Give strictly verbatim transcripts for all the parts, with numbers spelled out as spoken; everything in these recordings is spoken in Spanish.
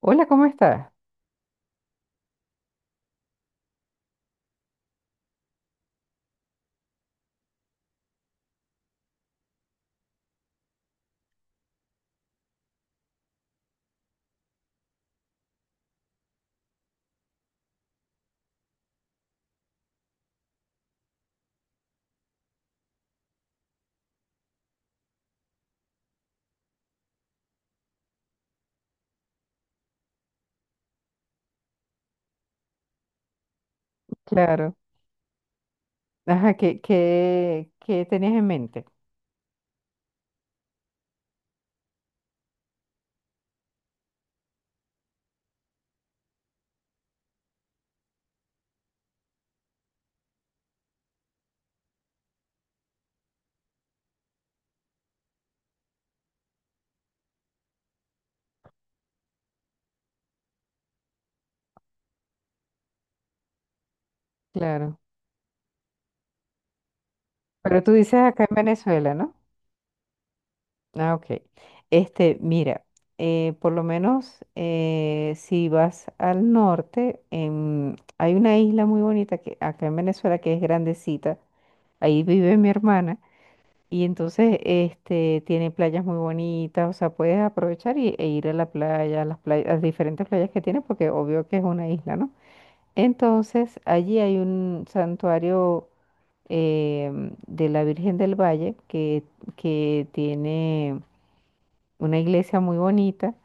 Hola, ¿cómo estás? Claro. Ajá, ¿qué, qué, qué tenías en mente? Claro. Pero tú dices acá en Venezuela, ¿no? Ah, ok. Este, mira, eh, por lo menos eh, si vas al norte, en- hay una isla muy bonita que acá en Venezuela que es grandecita. Ahí vive mi hermana y entonces este tiene playas muy bonitas, o sea, puedes aprovechar y, e ir a la playa, a las playas, a las diferentes playas que tiene porque obvio que es una isla, ¿no? Entonces, allí hay un santuario em, de la Virgen del Valle que, que tiene una iglesia muy bonita.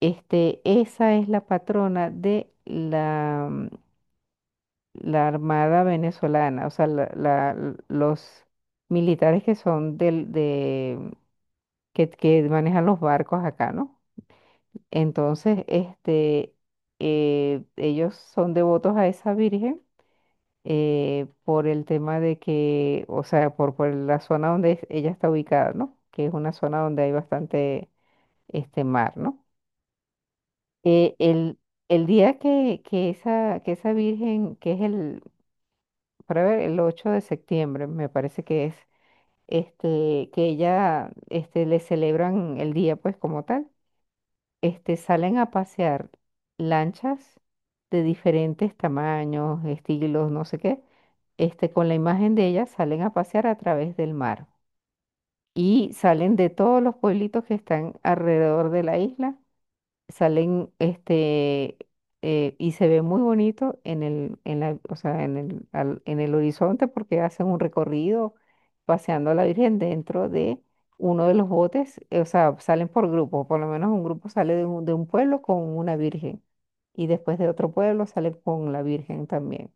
Este, esa es la patrona de la, mm, la Armada venezolana, o sea, la- la- l- los militares que son del, de, que, que manejan los barcos acá, ¿no? Entonces, este, eh, ellos son devotos a esa Virgen eh, por el tema de que, o sea, por, por la zona donde es- ella está ubicada, ¿no? Que es una zona donde hay bastante este mar, ¿no? Eh, el, el día que, que, esa, que esa virgen, que es el, para ver, el ocho de septiembre, me parece que es, este, que ella, este, le celebran el día, pues, como tal. Este, salen a pasear lanchas de diferentes tamaños, estilos, no sé qué, este, con la imagen de ellas salen a pasear a través del mar y salen de todos los pueblitos que están alrededor de la isla, salen este, eh, y se ve muy bonito en el en la o sea en el al- en el horizonte porque hacen un recorrido paseando a la Virgen dentro de uno de los botes, eh, o sea salen por grupo, por lo menos un grupo sale de un, de un pueblo con una Virgen, y después de otro pueblo sale con la Virgen también.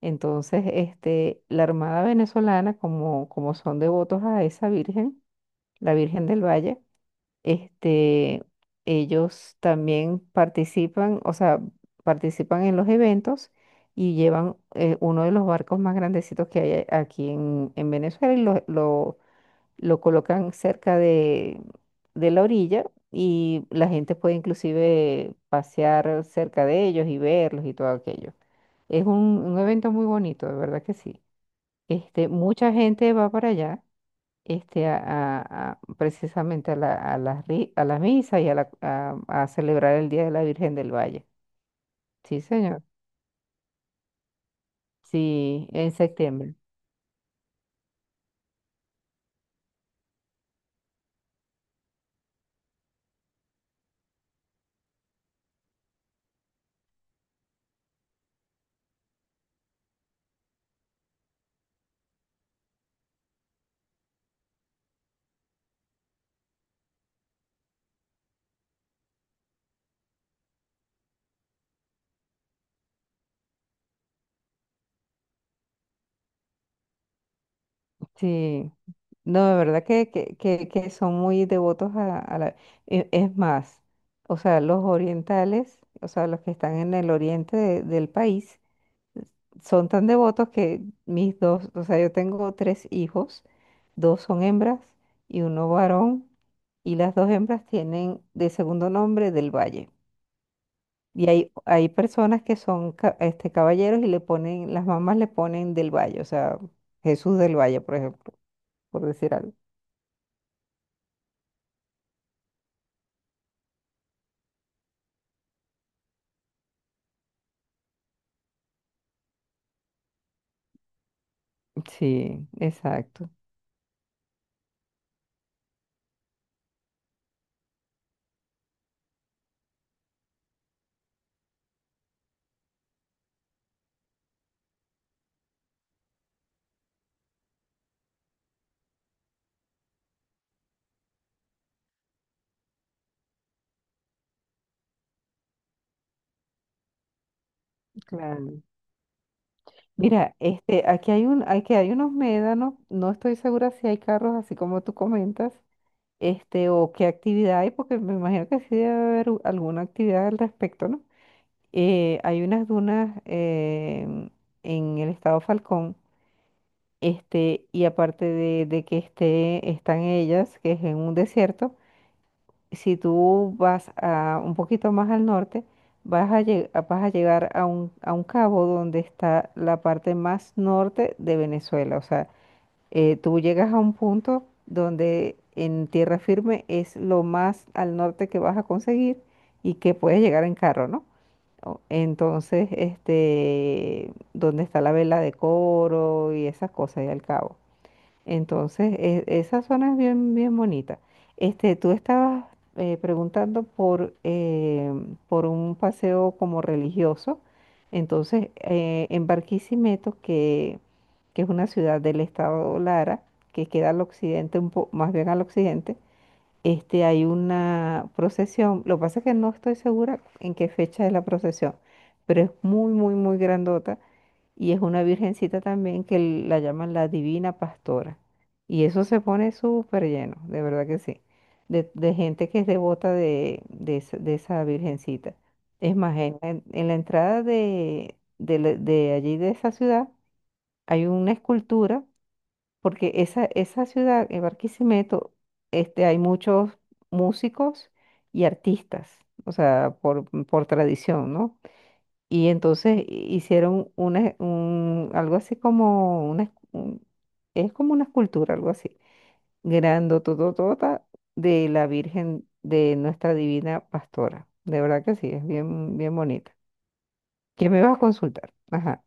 Entonces, este, la Armada venezolana, como como son devotos a esa Virgen, la Virgen del Valle, este, ellos también participan, o sea, participan en los eventos y llevan, eh, uno de los barcos más grandecitos que hay a- aquí en, en Venezuela, y lo, lo, lo colocan cerca de, de la orilla, y la gente puede inclusive pasear cerca de ellos y verlos y todo aquello. Es un, un evento muy bonito, de verdad que sí. Este, mucha gente va para allá, este, a, a- a- precisamente a la, a la, ri- a la misa y a, la, a, a celebrar el Día de la Virgen del Valle. Sí, señor. Sí, en septiembre. Sí. No, de verdad que, que, que, que son muy devotos a, a la... E- es más, o sea, los orientales, o sea, los que están en el oriente de- del país, son tan devotos que mis dos, o sea, yo tengo tres hijos, dos son hembras y uno varón, y las dos hembras tienen de segundo nombre del Valle. Y hay, hay personas que son ca- este, caballeros y le ponen, las mamás le ponen del Valle, o sea, Jesús del Valle, por ejemplo, por decir algo. Sí, exacto. Claro. Mira, este, aquí hay un, aquí hay unos médanos, no estoy segura si hay carros así como tú comentas, este, o qué actividad hay, porque me imagino que sí debe haber u- alguna actividad al respecto, ¿no? Eh, hay unas dunas, em, en el estado Falcón, este, y aparte de, de que esté, están ellas, que es en un desierto, si tú vas a, un poquito más al norte, vas a, lle- vas a llegar a un, a un cabo donde está la parte más norte de Venezuela, o sea, eh, tú llegas a un punto donde en tierra firme es lo más al norte que vas a conseguir y que puedes llegar en carro, ¿no? O- entonces, este, donde está la vela de coro y esas cosas y al cabo. Entonces, e- esa zona es bien, bien bonita. Este, tú estabas eh, preguntando por, eh, por un paseo como religioso. Entonces, eh, en Barquisimeto, que, que es una ciudad del estado Lara, que queda al occidente, un po- más bien al occidente, este, hay una procesión. Lo que pasa es que no estoy segura en qué fecha es la procesión, pero es muy, muy, muy grandota y es una virgencita también que la llaman la Divina Pastora. Y eso se pone súper lleno, de verdad que sí, de, de gente que es devota de, de, esa de esa virgencita. Es más, en, en- en la entrada de, de, la- de allí, de esa ciudad, hay una escultura, porque esa, esa ciudad, en Barquisimeto, este, hay muchos músicos y artistas, o sea, por, por tradición, ¿no? Y entonces hicieron una, un, algo así como una, un- es como una escultura, algo así, grandotototota, de la Virgen de nuestra Divina Pastora. De verdad que sí, es bien, bien bonita. ¿Qué me vas a consultar? Ajá,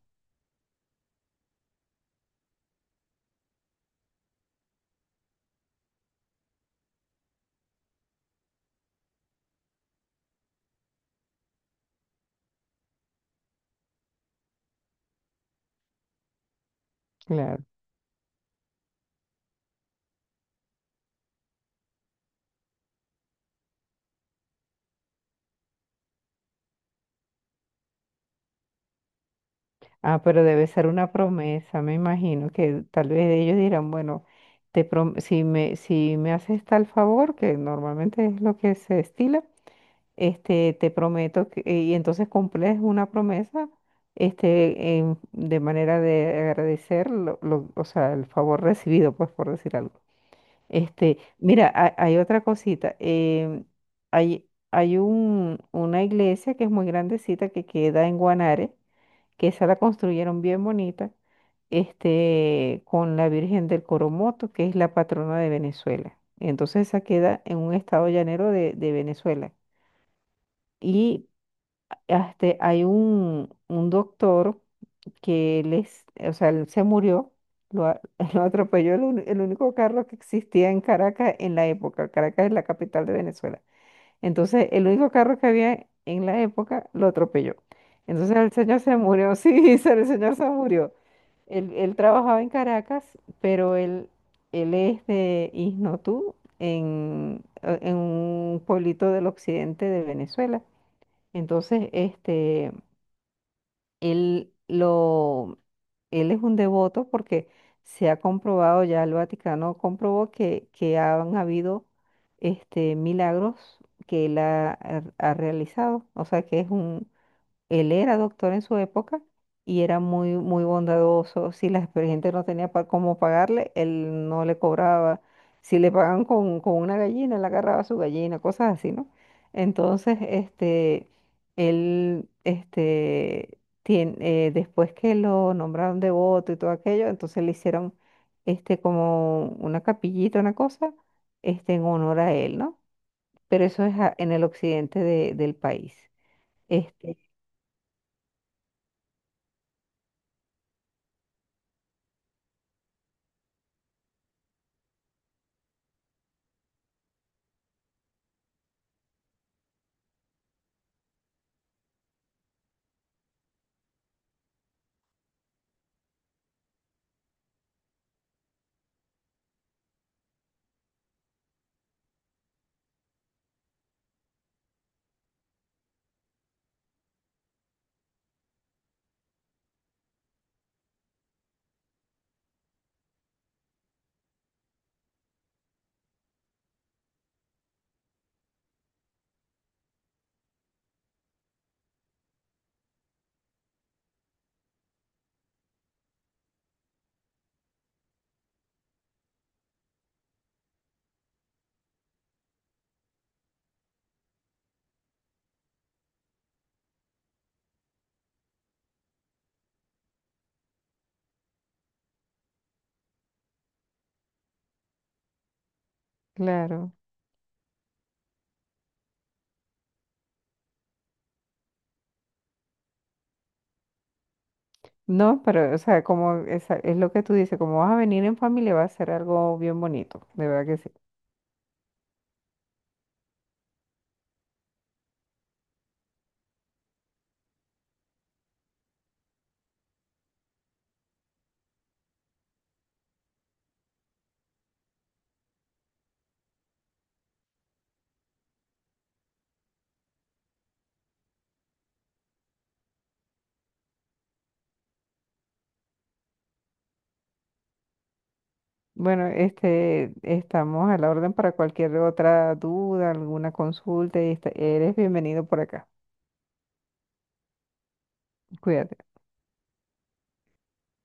claro. Ah, pero debe ser una promesa, me imagino que tal vez ellos dirán, bueno, te prom- si me, si me haces tal favor, que normalmente es lo que se estila, este, te prometo que, eh, y entonces cumples una promesa, este, en- de manera de agradecer lo, lo- o sea, el favor recibido, pues, por decir algo. Este, mira, ha- hay, otra cosita, em, hay, hay un, una iglesia que es muy grandecita que queda en Guanare, que esa la construyeron bien bonita, este, con la Virgen del Coromoto, que es la patrona de Venezuela. Entonces esa queda en un estado llanero de de Venezuela. Y ah, este, hay un, un doctor que les, o sea, él se murió, lo, a- lo atropelló el, uni- el único carro que existía en Caracas en la época. Caracas es la capital de Venezuela. Entonces, el único carro que había en la época lo atropelló. Entonces, el señor se murió, sí, se- el señor se murió. Él, él trabajaba en Caracas, pero él, él es de Isnotú, en, en un pueblito del occidente de Venezuela. Entonces, este, él, lo, él es un devoto porque se ha comprobado, ya el Vaticano comprobó que, que han habido este, milagros que él ha, ha- ha realizado. O sea que es un, él era doctor en su época y era muy, muy bondadoso. Si la gente no tenía para cómo pagarle, él no le cobraba. Si le pagaban con, con una gallina, él agarraba su gallina, cosas así, ¿no? Entonces, este, él, este, tien- eh, después que lo nombraron devoto y todo aquello, entonces le hicieron, este, como una capillita, una cosa, este, en honor a él, ¿no? Pero eso es a- en el occidente de- del país. Este, claro. No, pero, o sea, como esa- es, lo que tú dices, como vas a venir en familia, va a ser algo bien bonito, de verdad que sí. Bueno, este, estamos a la orden para cualquier otra duda, alguna consulta, y esta- eres bienvenido por acá. Cuídate.